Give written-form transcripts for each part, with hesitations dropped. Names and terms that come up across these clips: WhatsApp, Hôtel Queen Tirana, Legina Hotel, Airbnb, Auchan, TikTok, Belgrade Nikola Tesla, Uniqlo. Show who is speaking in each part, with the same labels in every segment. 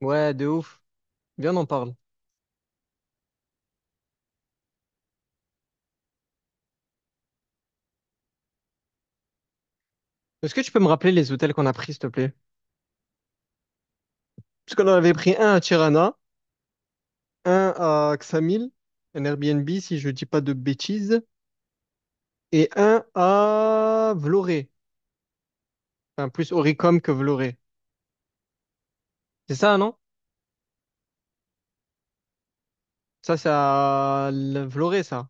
Speaker 1: Ouais, de ouf. Viens, on en parle. Est-ce que tu peux me rappeler les hôtels qu'on a pris, s'il te plaît? Parce qu'on en avait pris un à Tirana, un à Ksamil, un Airbnb, si je dis pas de bêtises, et un à Vloré. Enfin, plus Oricom que Vloré. C'est ça, non? Ça, c'est Vloré, ça.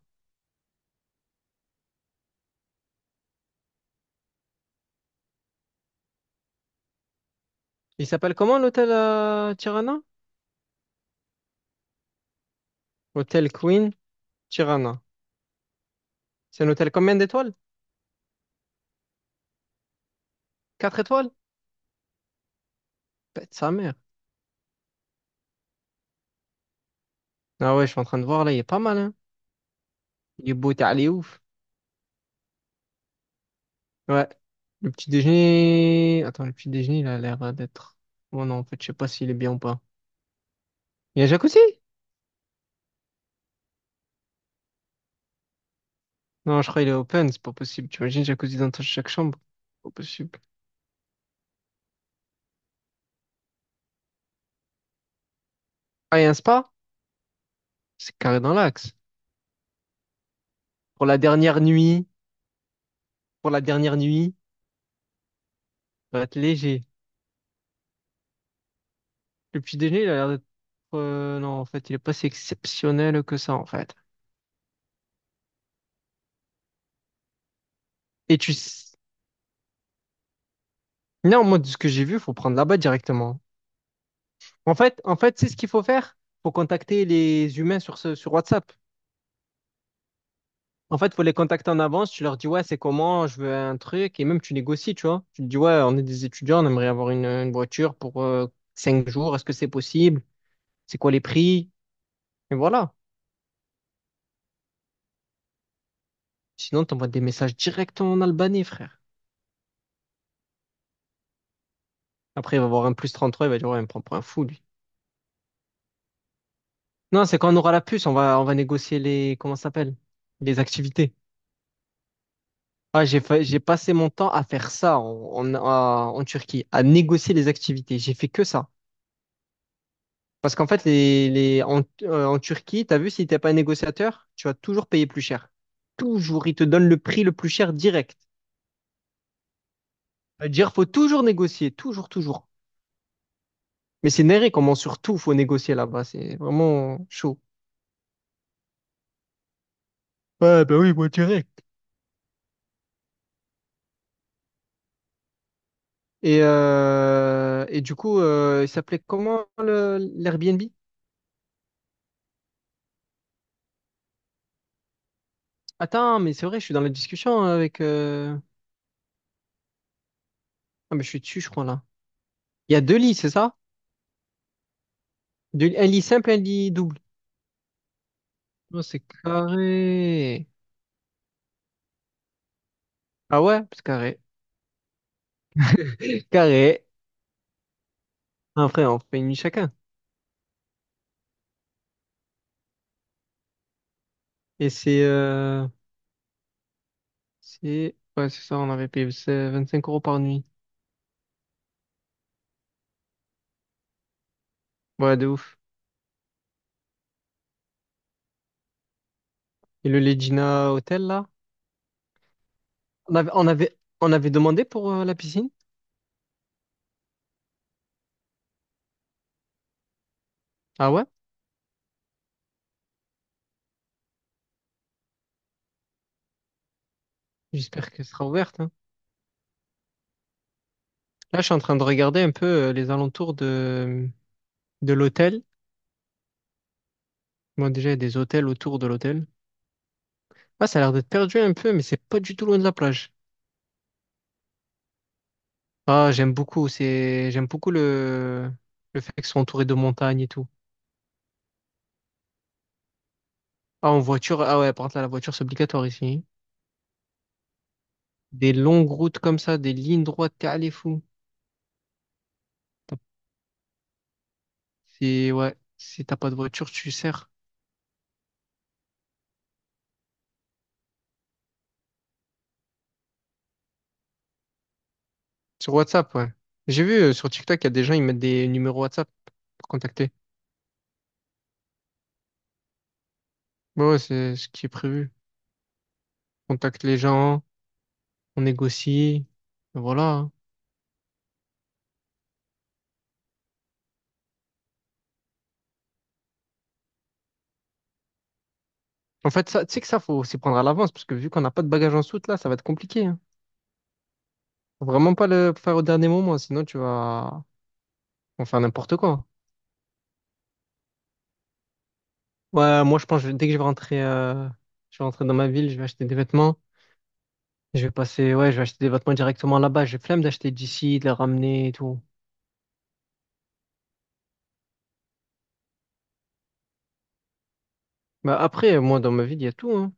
Speaker 1: Il s'appelle comment l'hôtel à Tirana? Hôtel Queen Tirana. C'est un hôtel combien d'étoiles? Quatre étoiles? Pète sa mère. Ah ouais, je suis en train de voir, là, il est pas mal, hein. Il est beau, t'es allé ouf. Ouais. Le petit déjeuner. Attends, le petit déjeuner, il a l'air d'être. Oh non, en fait, je sais pas s'il est bien ou pas. Il y a jacuzzi? Non, je crois qu'il est open, c'est pas possible. Tu imagines jacuzzi dans chaque chambre? Pas possible. Ah, il y a un spa? C'est carré dans l'axe. Pour la dernière nuit, pour la dernière nuit, ça va être léger. Le petit déjeuner, il a l'air d'être. Non, en fait, il est pas si exceptionnel que ça, en fait. Et tu. s- Non, moi, de ce que j'ai vu, faut prendre là-bas directement. En fait, c'est ce qu'il faut faire. Faut contacter les humains sur WhatsApp. En fait, faut les contacter en avance. Tu leur dis, ouais, c'est comment, je veux un truc. Et même, tu négocies, tu vois. Tu te dis, ouais, on est des étudiants, on aimerait avoir une voiture pour 5 jours. Est-ce que c'est possible? C'est quoi les prix? Et voilà. Sinon, t'envoies des messages directement en Albanais, frère. Après, il va voir un plus 33, il va dire, ouais, il me prend pour un fou, lui. Non, c'est quand on aura la puce, on va négocier les, comment ça s'appelle? Les activités. Ah, j'ai passé mon temps à faire ça en Turquie, à négocier les activités. J'ai fait que ça. Parce qu'en fait, en Turquie, tu as vu, si t'es pas négociateur, tu vas toujours payer plus cher. Toujours, ils te donnent le prix le plus cher direct. C'est-à-dire, faut toujours négocier, toujours, toujours. Mais c'est néré comment surtout faut négocier là-bas, c'est vraiment chaud. Ouais, bah oui, moi direct. Et du coup, il s'appelait comment l'Airbnb? Attends, mais c'est vrai, je suis dans la discussion avec, ah, mais je suis dessus, je crois, là. Il y a deux lits, c'est ça? Un lit simple, un lit double. Oh, c'est carré. Ah ouais, c'est carré. Carré. Après, on fait une nuit chacun. Et c'est... euh, Ouais, c'est ça, on avait payé c'est 5 € par nuit. Ouais, de ouf. Et le Legina Hotel, là? On avait demandé pour la piscine? Ah ouais? J'espère qu'elle sera ouverte, hein. Là, je suis en train de regarder un peu les alentours de l'hôtel. Moi, déjà, il y a des hôtels autour de l'hôtel. Ah, ça a l'air d'être perdu un peu, mais c'est pas du tout loin de la plage. Ah, j'aime beaucoup. J'aime beaucoup le fait qu'ils soient entourés de montagnes et tout. Ah, en voiture, ah ouais, par contre, là, la voiture, c'est obligatoire ici. Des longues routes comme ça, des lignes droites, t'es allé fou. T'as- ouais, si t'as pas de voiture, tu sers. Sur WhatsApp, ouais. J'ai vu sur TikTok, il y a des gens, ils mettent des numéros WhatsApp pour contacter. Ouais, ouais, c'est ce qui est prévu. On contacte les gens, on négocie, et voilà, hein. En fait, ça, tu sais que ça, faut s'y prendre à l'avance, parce que vu qu'on n'a pas de bagages en soute, là, ça va être compliqué, hein. Faut vraiment pas le faire au dernier moment, sinon tu vas, on faire n'importe quoi. Ouais, moi je pense que dès que je vais rentrer dans ma ville, je vais acheter des vêtements. Je vais passer, ouais, je vais acheter des vêtements directement là-bas. J'ai flemme d'acheter d'ici, de les ramener et tout. Bah après, moi dans ma ville, il y a tout, hein.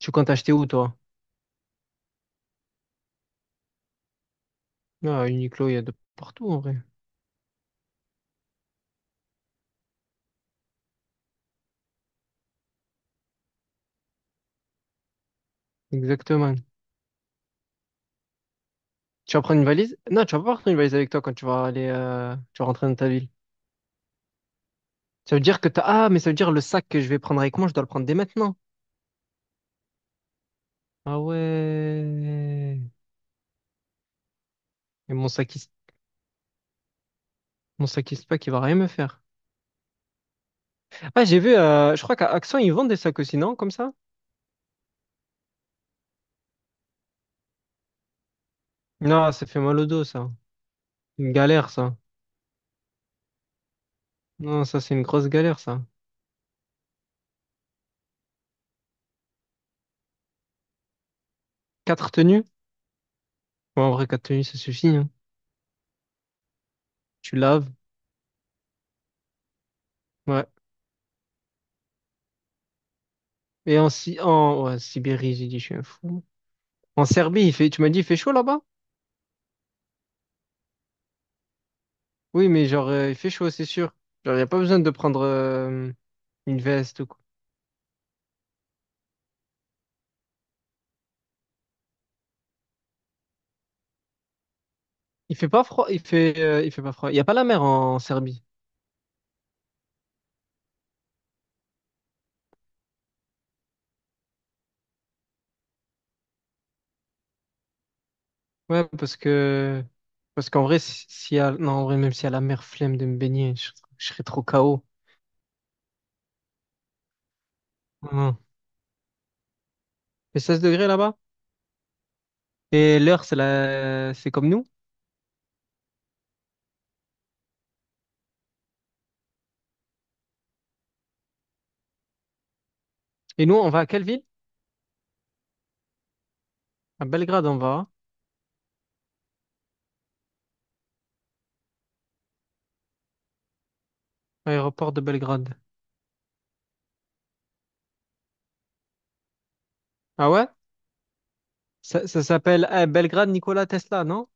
Speaker 1: Tu comptes acheter où toi? Ah, Uniqlo, il y a de partout en vrai. Exactement. Tu vas prendre une valise? Non, tu vas pas prendre une valise avec toi quand tu vas aller, tu vas rentrer dans ta ville. Ça veut dire que t'as, ah, mais ça veut dire le sac que je vais prendre avec moi, je dois le prendre dès maintenant. Ah ouais. Et mon sac, il se pack, il va rien me faire. Ah, j'ai vu, je crois qu'à Auchan, ils vendent des sacs aussi, non? Comme ça? Non, ça fait mal au dos, ça. Une galère, ça. Non, ça, c'est une grosse galère, ça. Quatre tenues? Ouais, en vrai, quatre tenues, ça suffit, hein. Tu laves. Ouais. Et en, Si- en ouais, Sibérie, j'ai dit, je suis un fou. En Serbie, il fait, tu m'as dit, il fait chaud là-bas? Oui, mais genre, il fait chaud, c'est sûr. Genre, il n'y a pas besoin de prendre une veste ou quoi. Il fait pas froid, il fait pas froid. Il n'y a pas la mer en Serbie. Ouais, parce qu'en vrai, si, s'il y a non, en vrai, même s'il y a la mer flemme de me baigner, je serais trop KO. Hum. Et 16 degrés là-bas? Et l'heure, c'est comme nous. Et nous, on va à quelle ville? À Belgrade, on va, hein. Aéroport de Belgrade. Ah ouais? Ça s'appelle Belgrade Nikola Tesla, non?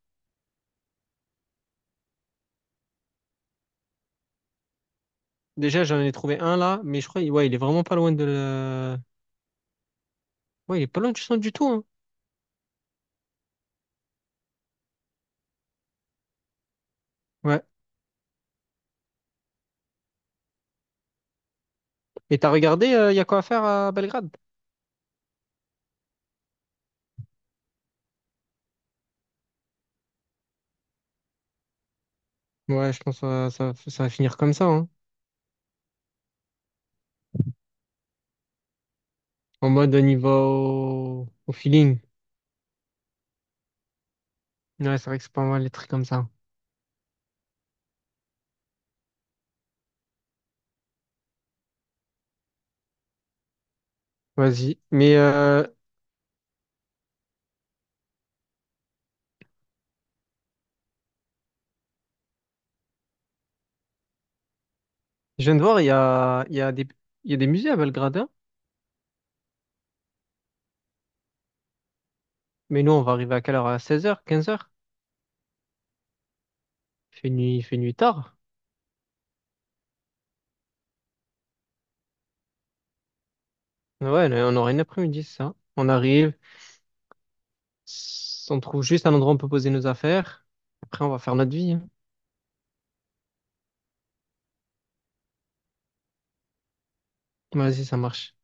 Speaker 1: Déjà, j'en ai trouvé un là, mais je crois, ouais, il est vraiment pas loin de le... Ouais, il est pas loin du centre du tout, hein. Ouais. Et t'as regardé, il y a quoi à faire à Belgrade? Ouais, je pense que ça va finir comme ça, hein. En mode on y va au feeling. Ouais, c'est vrai que c'est pas mal les trucs comme ça. Vas-y. Mais je viens de voir, il y a des musées à Belgrade, hein. Mais nous, on va arriver à quelle heure? À 16h 15h. Il fait nuit tard. Ouais, là, on aura une après-midi, c'est ça. On arrive, on trouve juste un endroit où on peut poser nos affaires. Après, on va faire notre vie, hein. Vas-y, ça marche.